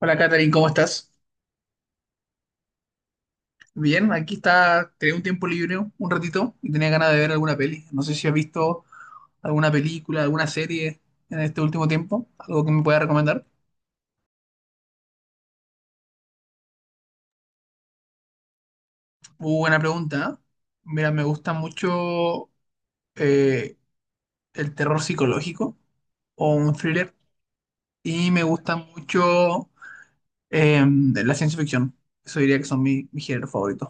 Hola, Katherine, ¿cómo estás? Bien, aquí está, tenía un tiempo libre, un ratito, y tenía ganas de ver alguna peli. No sé si has visto alguna película, alguna serie en este último tiempo, algo que me pueda recomendar. Muy buena pregunta, ¿eh? Mira, me gusta mucho eh, el terror psicológico o un thriller, y me gusta mucho la ciencia ficción. Eso diría que son mis géneros favoritos.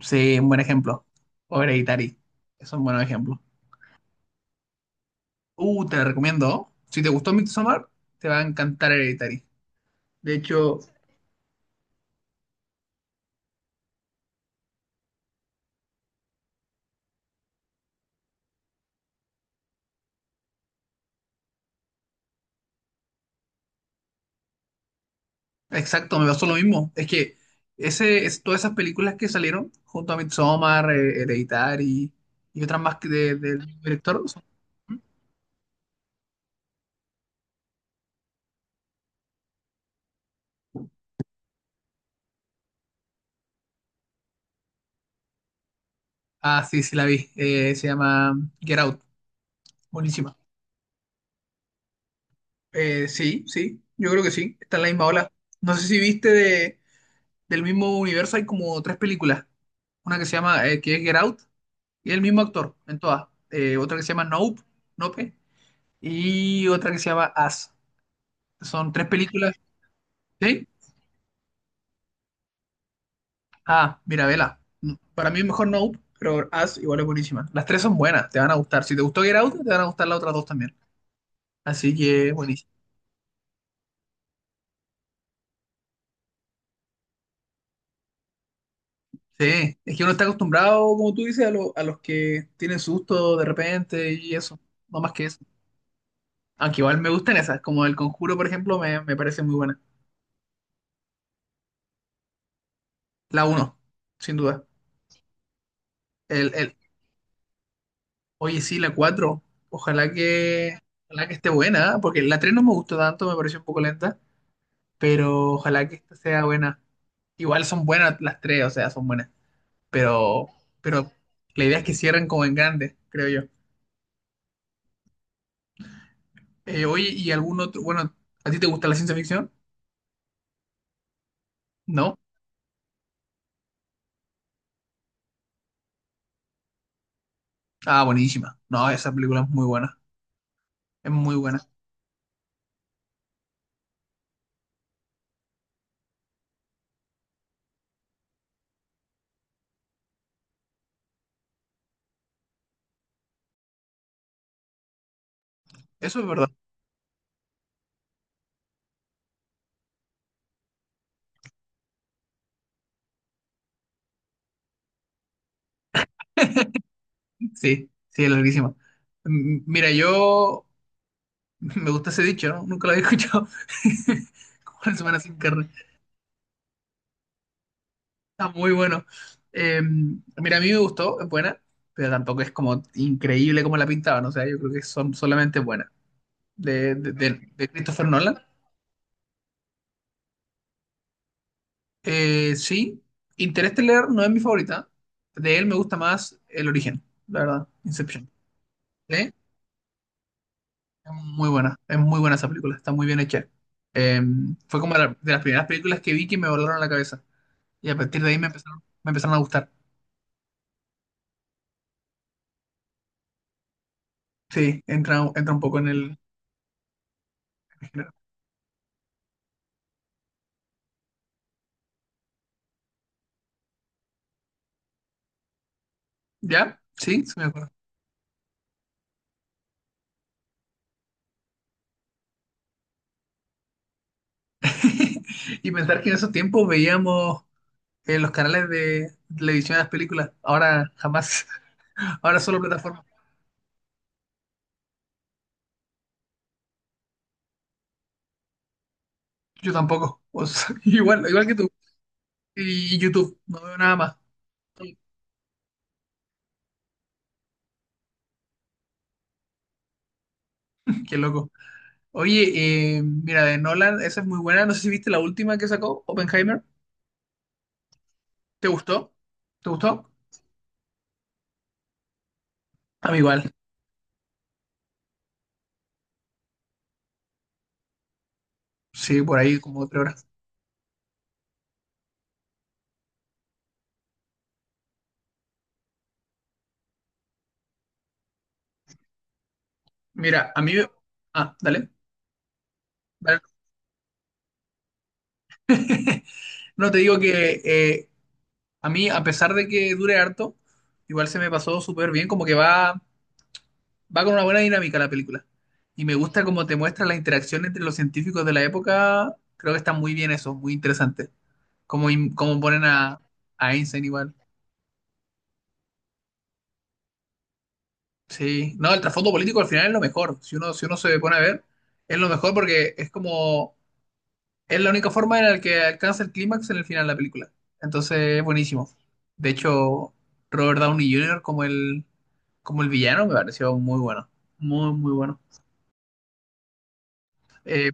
Sí, un buen ejemplo. O Hereditary, son buenos ejemplos. Te la recomiendo. Si te gustó Midsommar, te va a encantar Hereditary. De hecho, exacto, me pasó lo mismo. Es que todas esas películas que salieron junto a Midsommar, Hereditary y otras más que del director. Son... Ah, sí, sí la vi. Se llama Get Out. Buenísima. Sí, sí, yo creo que sí. Está en la misma ola. No sé si viste del mismo universo, hay como tres películas. Una que se llama, que es Get Out. Y el mismo actor en todas. Otra que se llama Nope, Nope, y otra que se llama As. Son tres películas. ¿Sí? Ah, mira, vela. Mm, para mí es mejor Nope, pero As igual es buenísima. Las tres son buenas, te van a gustar. Si te gustó Get Out, te van a gustar las otras dos también. Así que buenísimo. Sí, es que uno está acostumbrado, como tú dices, a los que tienen susto de repente y eso. No más que eso. Aunque igual me gustan esas, como El Conjuro, por ejemplo, me parece muy buena. La uno, sin duda. El, el, Oye, sí, la 4, Ojalá que, ojalá que esté buena, ¿eh? Porque la 3 no me gustó tanto, me pareció un poco lenta, pero ojalá que esta sea buena. Igual son buenas las tres, o sea, son buenas, pero, pero la idea es que cierren como en grande, creo yo. Oye, ¿y algún otro? Bueno, ¿a ti te gusta la ciencia ficción? ¿No? Ah, buenísima. No, esa película es muy buena, es muy buena. Eso es verdad. Sí, sí, es larguísima. Mira, yo me gusta ese dicho, ¿no? Nunca lo había escuchado. Como la semana sin carne. Está muy bueno. Mira, a mí me gustó, es buena, pero tampoco es como increíble como la pintaban. O sea, yo creo que son solamente buenas. De Christopher Nolan. Sí, Interestelar no es mi favorita. De él me gusta más El Origen, la verdad, Inception. ¿Eh? Es muy buena esa película, está muy bien hecha. Eh, fue como de las primeras películas que vi que me volaron la cabeza. Y a partir de ahí me empezaron a gustar. Sí, entra un poco en el... género. ¿Ya? Sí, se me acuerda. Y pensar que en esos tiempos veíamos en los canales de televisión las películas. Ahora jamás. Ahora solo plataforma. Yo tampoco. O sea, igual, igual que tú. Y YouTube. No veo nada más. Qué loco. Oye, mira, de Nolan, esa es muy buena. No sé si viste la última que sacó, Oppenheimer. ¿Te gustó? ¿Te gustó? A mí igual. Sí, por ahí como tres horas. Mira, a mí... Ah, dale. Dale. No, te digo que a mí, a pesar de que dure harto, igual se me pasó súper bien, como que va, va con una buena dinámica la película. Y me gusta cómo te muestra la interacción entre los científicos de la época. Creo que está muy bien eso, muy interesante. Como, como ponen a Einstein igual. Sí, no, el trasfondo político al final es lo mejor. Si uno se pone a ver, es lo mejor porque es como... Es la única forma en la que alcanza el clímax en el final de la película. Entonces es buenísimo. De hecho, Robert Downey Jr. como como el villano me pareció muy bueno. Muy, muy bueno. Eh,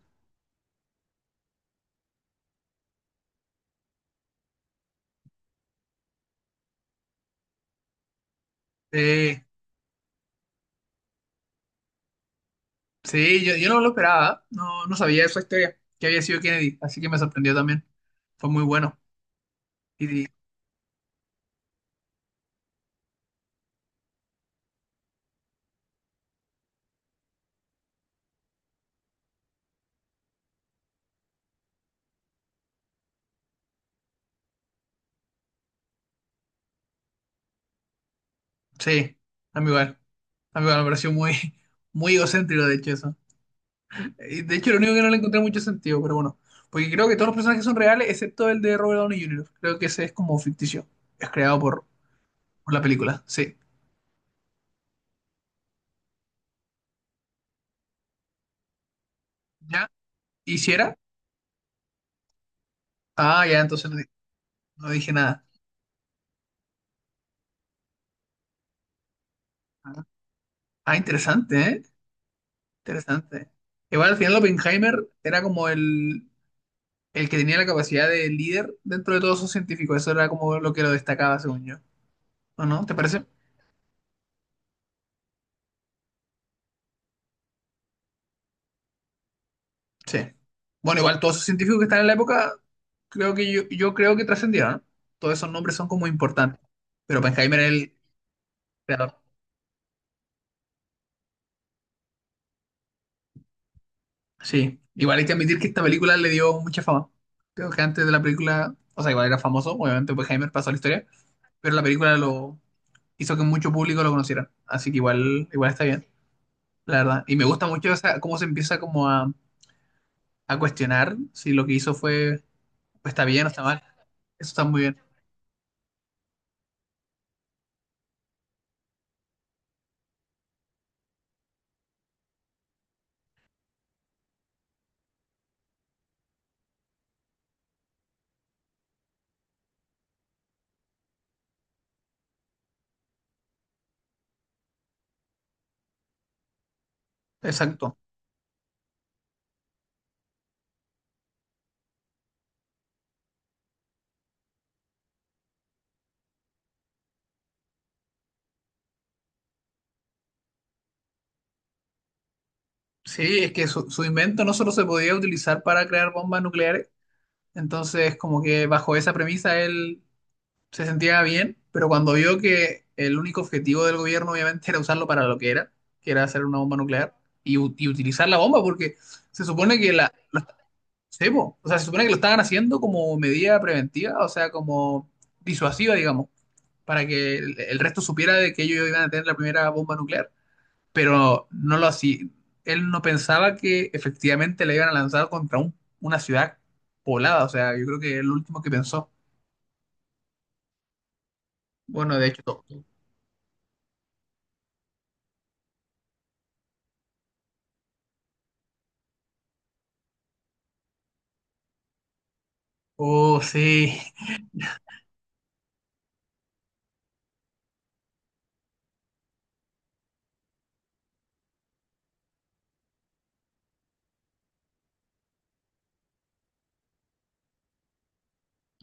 eh, sí, yo no lo esperaba. No, no sabía esa historia, que había sido Kennedy. Así que me sorprendió también. Fue muy bueno. Y, y- sí, a mí igual. A mí igual me pareció muy egocéntrico, de hecho, eso. De hecho, lo único que no le encontré mucho sentido, pero bueno. Porque creo que todos los personajes son reales, excepto el de Robert Downey Jr. Creo que ese es como ficticio. Es creado por, por la película, sí. ¿Ya? ¿Hiciera? Ah, ya, no dije nada. Ah, Ah, interesante, ¿eh? Interesante. Igual al final Oppenheimer era como el que tenía la capacidad de líder dentro de todos esos científicos. Eso era como lo que lo destacaba, según yo. ¿O no? ¿Te parece? Sí. Bueno, igual todos esos científicos que están en la época, creo que yo creo que trascendieron, ¿no? Todos esos nombres son como importantes. Pero Oppenheimer era el creador. Sí. Igual hay que admitir que esta película le dio mucha fama. Creo que antes de la película, o sea, igual era famoso, obviamente Oppenheimer pasó a la historia, pero la película lo hizo que mucho público lo conociera. Así que igual, igual está bien, la verdad. Y me gusta mucho cómo se empieza como a cuestionar si lo que hizo fue, pues, está bien o está mal. Eso está muy bien. Exacto. Sí, es que su invento no solo se podía utilizar para crear bombas nucleares, entonces como que bajo esa premisa él se sentía bien, pero cuando vio que el único objetivo del gobierno obviamente era usarlo para lo que era hacer una bomba nuclear y utilizar la bomba, porque se supone que sí, po, o sea, se supone que lo estaban haciendo como medida preventiva, o sea, como disuasiva, digamos, para que el resto supiera de que ellos iban a tener la primera bomba nuclear pero no lo hacía. Él no pensaba que efectivamente la iban a lanzar contra una ciudad poblada, o sea, yo creo que es lo último que pensó. Bueno, de hecho, todo. Oh, sí,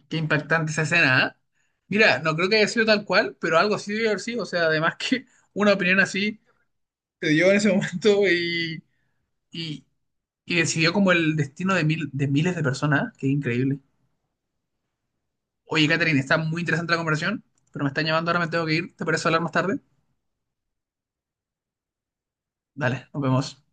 qué impactante esa escena, ¿eh? Mira, no creo que haya sido tal cual, pero algo así debe haber sido, o sea, además que una opinión así se dio en ese momento y, y decidió como el destino de, de miles de personas, ¿eh? Qué increíble. Oye, Catherine, está muy interesante la conversación, pero me están llamando, ahora me tengo que ir, ¿te parece hablar más tarde? Dale, nos vemos.